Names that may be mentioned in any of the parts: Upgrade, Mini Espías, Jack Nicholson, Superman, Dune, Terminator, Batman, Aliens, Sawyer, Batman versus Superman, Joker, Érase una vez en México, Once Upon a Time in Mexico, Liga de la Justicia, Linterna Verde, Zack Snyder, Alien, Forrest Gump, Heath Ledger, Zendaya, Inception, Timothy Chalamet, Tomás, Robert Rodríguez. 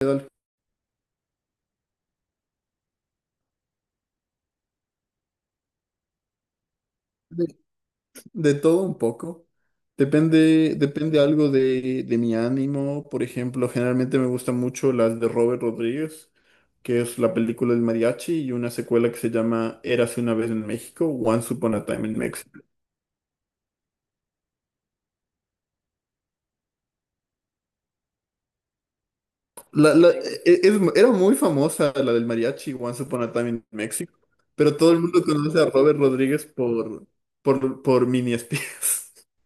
De, de todo un poco. Depende, depende algo de mi ánimo. Por ejemplo, generalmente me gustan mucho las de Robert Rodríguez, que es la película del mariachi y una secuela que se llama Érase una vez en México, Once Upon a Time in Mexico. Era muy famosa la del mariachi, Once Upon a Time in Mexico, pero todo el mundo conoce a Robert Rodríguez por Mini Espías.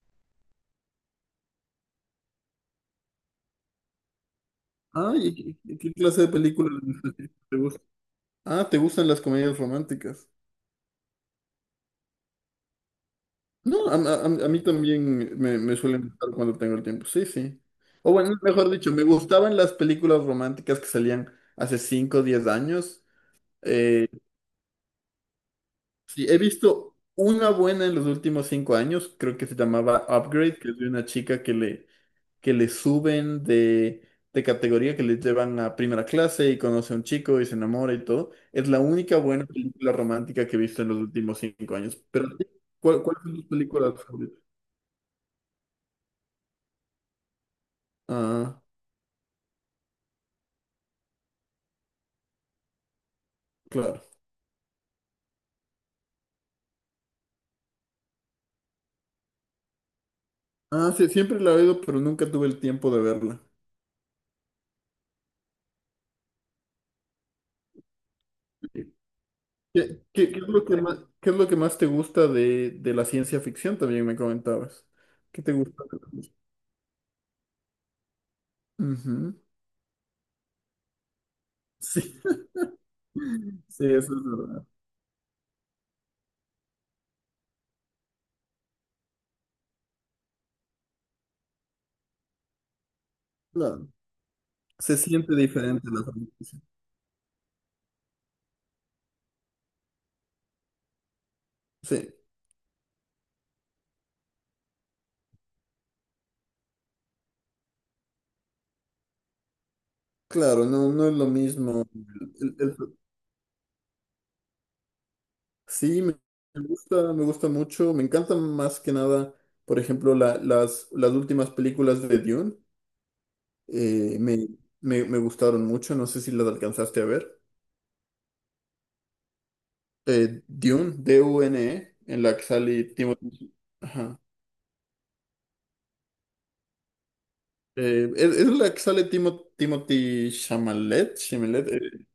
Ah, ¿y qué clase de película te gusta? Ah, ¿te gustan las comedias románticas? No, a mí también me suelen gustar cuando tengo el tiempo. Sí, sí. O bueno, mejor dicho, me gustaban las películas románticas que salían hace 5 o 10 años. Sí, he visto una buena en los últimos 5 años, creo que se llamaba Upgrade, que es de una chica que le suben de categoría, que le llevan a primera clase y conoce a un chico y se enamora y todo. Es la única buena película romántica que he visto en los últimos 5 años. Pero ¿cuáles son tus películas favoritas? Ah, claro. Ah, sí, siempre la he oído, pero nunca tuve el tiempo de verla. Sí. ¿Qué es lo que más te gusta de la ciencia ficción? También me comentabas. ¿Qué te gusta de la ciencia? Ujú. Sí, sí, eso es verdad. Claro. Se siente diferente la franquicia. Sí, claro, no, no es lo mismo. El- el- el- sí, me gusta mucho. Me encantan más que nada, por ejemplo, las últimas películas de Dune. Eh, me, me gustaron mucho, no sé si las alcanzaste a ver. Dune, Dune, en la que sale Timothy. Ajá. Es la que sale Timothy Chalamet,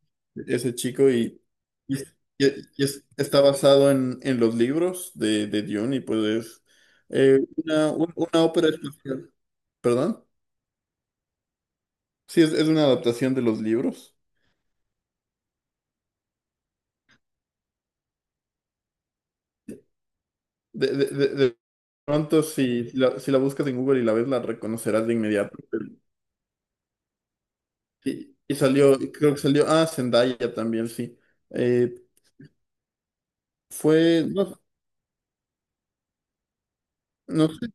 ese chico, y, y es- está basado en los libros de Dune, y pues es una ópera espacial. ¿Perdón? Sí, es una adaptación de los libros. de de de- Pronto, si la, si la buscas en Google y la ves, la reconocerás de inmediato. Y salió, creo que salió, Zendaya también, sí. Eh, no, no sé,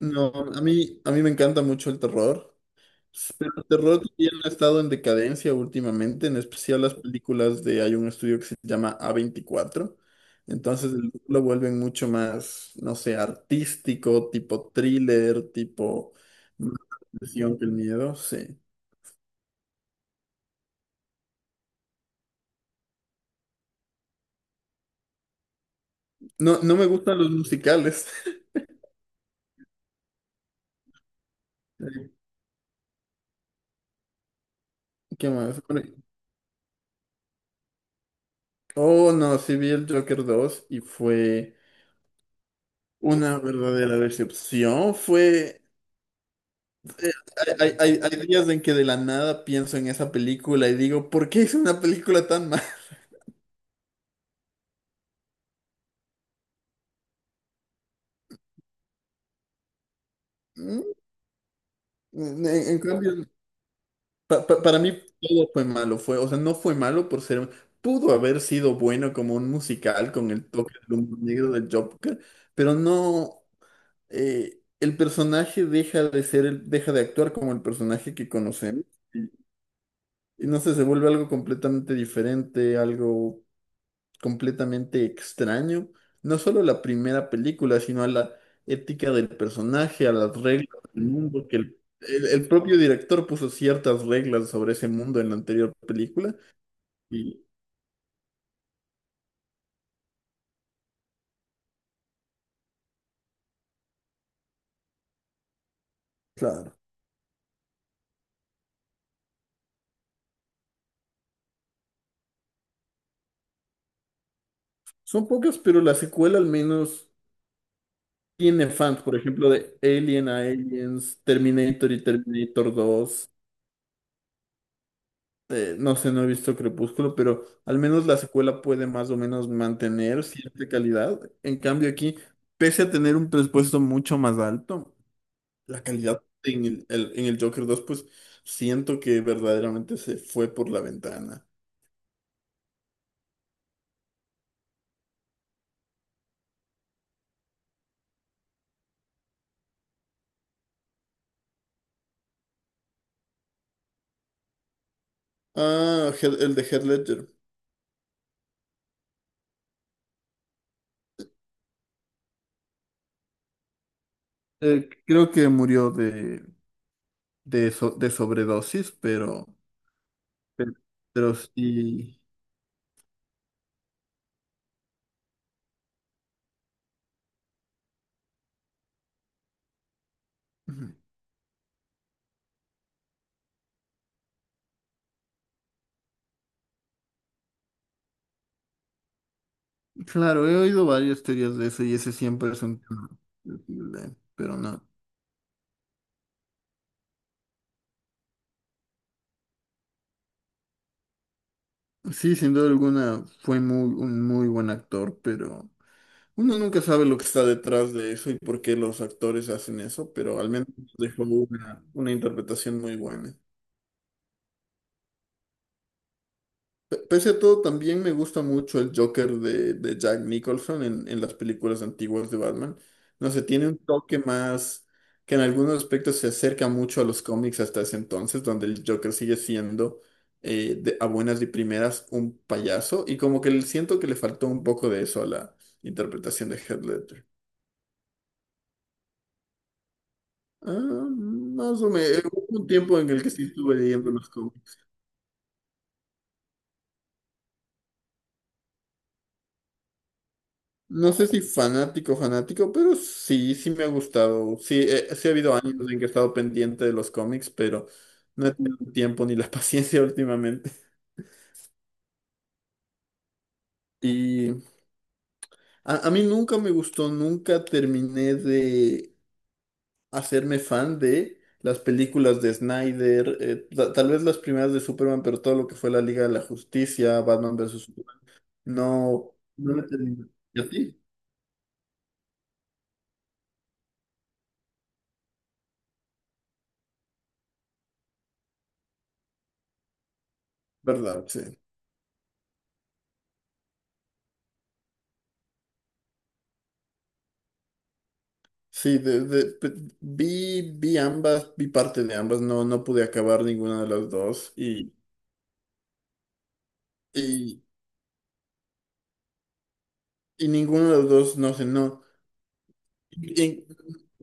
no, a mí me encanta mucho el terror, pero el terror también ha estado en decadencia últimamente, en especial las películas de, hay un estudio que se llama A24, entonces lo vuelven mucho más, no sé, artístico, tipo thriller, tipo más presión que el miedo, sí. No, no me gustan los musicales. Eh, ¿Qué más? Bueno, oh, no, sí vi el Joker 2 y fue una verdadera decepción. Hay días en que de la nada pienso en esa película y digo, ¿por qué hice una película tan mala? ¿Mm? En cambio, para mí todo fue malo. O sea, no fue malo por ser. Pudo haber sido bueno como un musical con el toque del humor negro del Joker, pero no. El personaje deja de ser, deja de actuar como el personaje que conocemos y, y no sé, se vuelve algo completamente diferente, algo completamente extraño. No solo a la primera película, sino a la ética del personaje, a las reglas del mundo, que el propio director puso ciertas reglas sobre ese mundo en la anterior película. Y claro, son pocas, pero la secuela al menos. Tiene fans, por ejemplo, de Alien a Aliens, Terminator y Terminator 2. No sé, no he visto Crepúsculo, pero al menos la secuela puede más o menos mantener cierta calidad. En cambio aquí, pese a tener un presupuesto mucho más alto, la calidad en el Joker 2 pues siento que verdaderamente se fue por la ventana. Ah, el de Heath Ledger. Creo que murió de sobredosis, pero, pero sí. Ujú. Claro, he oído varias teorías de eso y ese siempre es un tema sensible, pero no. Sí, sin duda alguna fue un muy buen actor, pero uno nunca sabe lo que está detrás de eso y por qué los actores hacen eso, pero al menos dejó una interpretación muy buena. Pese a todo, también me gusta mucho el Joker de Jack Nicholson en las películas antiguas de Batman. No sé, tiene un toque más que en algunos aspectos se acerca mucho a los cómics hasta ese entonces, donde el Joker sigue siendo a buenas y primeras un payaso y como que siento que le faltó un poco de eso a la interpretación de Heath Ledger. Ah, Más o menos, hubo un tiempo en el que sí estuve leyendo los cómics. No sé si fanático, fanático, pero sí, sí me ha gustado. Sí, sí ha habido años en que he estado pendiente de los cómics, pero no he tenido el tiempo ni la paciencia últimamente. Y a mí nunca me gustó, nunca terminé de hacerme fan de las películas de Snyder, tal vez las primeras de Superman, pero todo lo que fue la Liga de la Justicia, Batman versus Superman, no, no me terminé. ¿Y a ti? ¿Verdad? Sí. Sí, vi ambas, vi parte de ambas, no, no pude acabar ninguna de las dos y, y ninguno de los dos, no sé, no. en-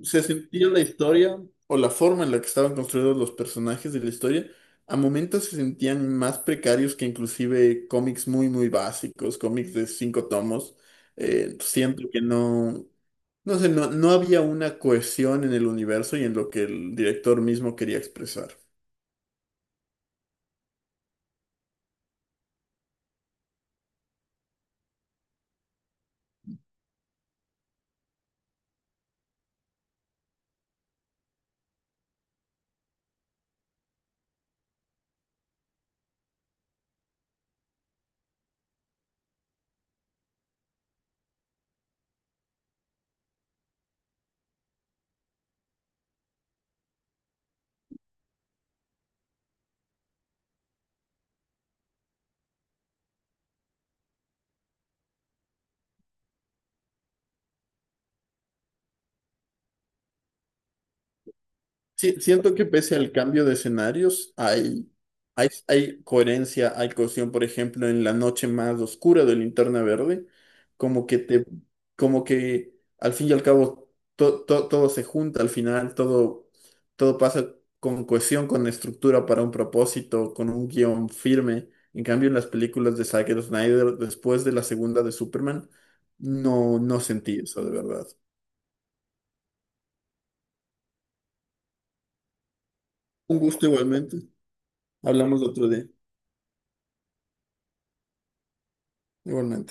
Se sentía la historia o la forma en la que estaban construidos los personajes de la historia, a momentos se sentían más precarios que inclusive cómics muy, muy básicos, cómics de 5 tomos. Siento que no, no sé, no, no había una cohesión en el universo y en lo que el director mismo quería expresar. Sí, siento que pese al cambio de escenarios, hay coherencia, hay cohesión, por ejemplo, en la noche más oscura de Linterna Verde, como que te, como que al fin y al cabo todo se junta al final, todo pasa con cohesión, con estructura para un propósito, con un guión firme. En cambio, en las películas de Zack Snyder, después de la segunda de Superman, no, no sentí eso de verdad. Un gusto igualmente. Hablamos otro día. Igualmente.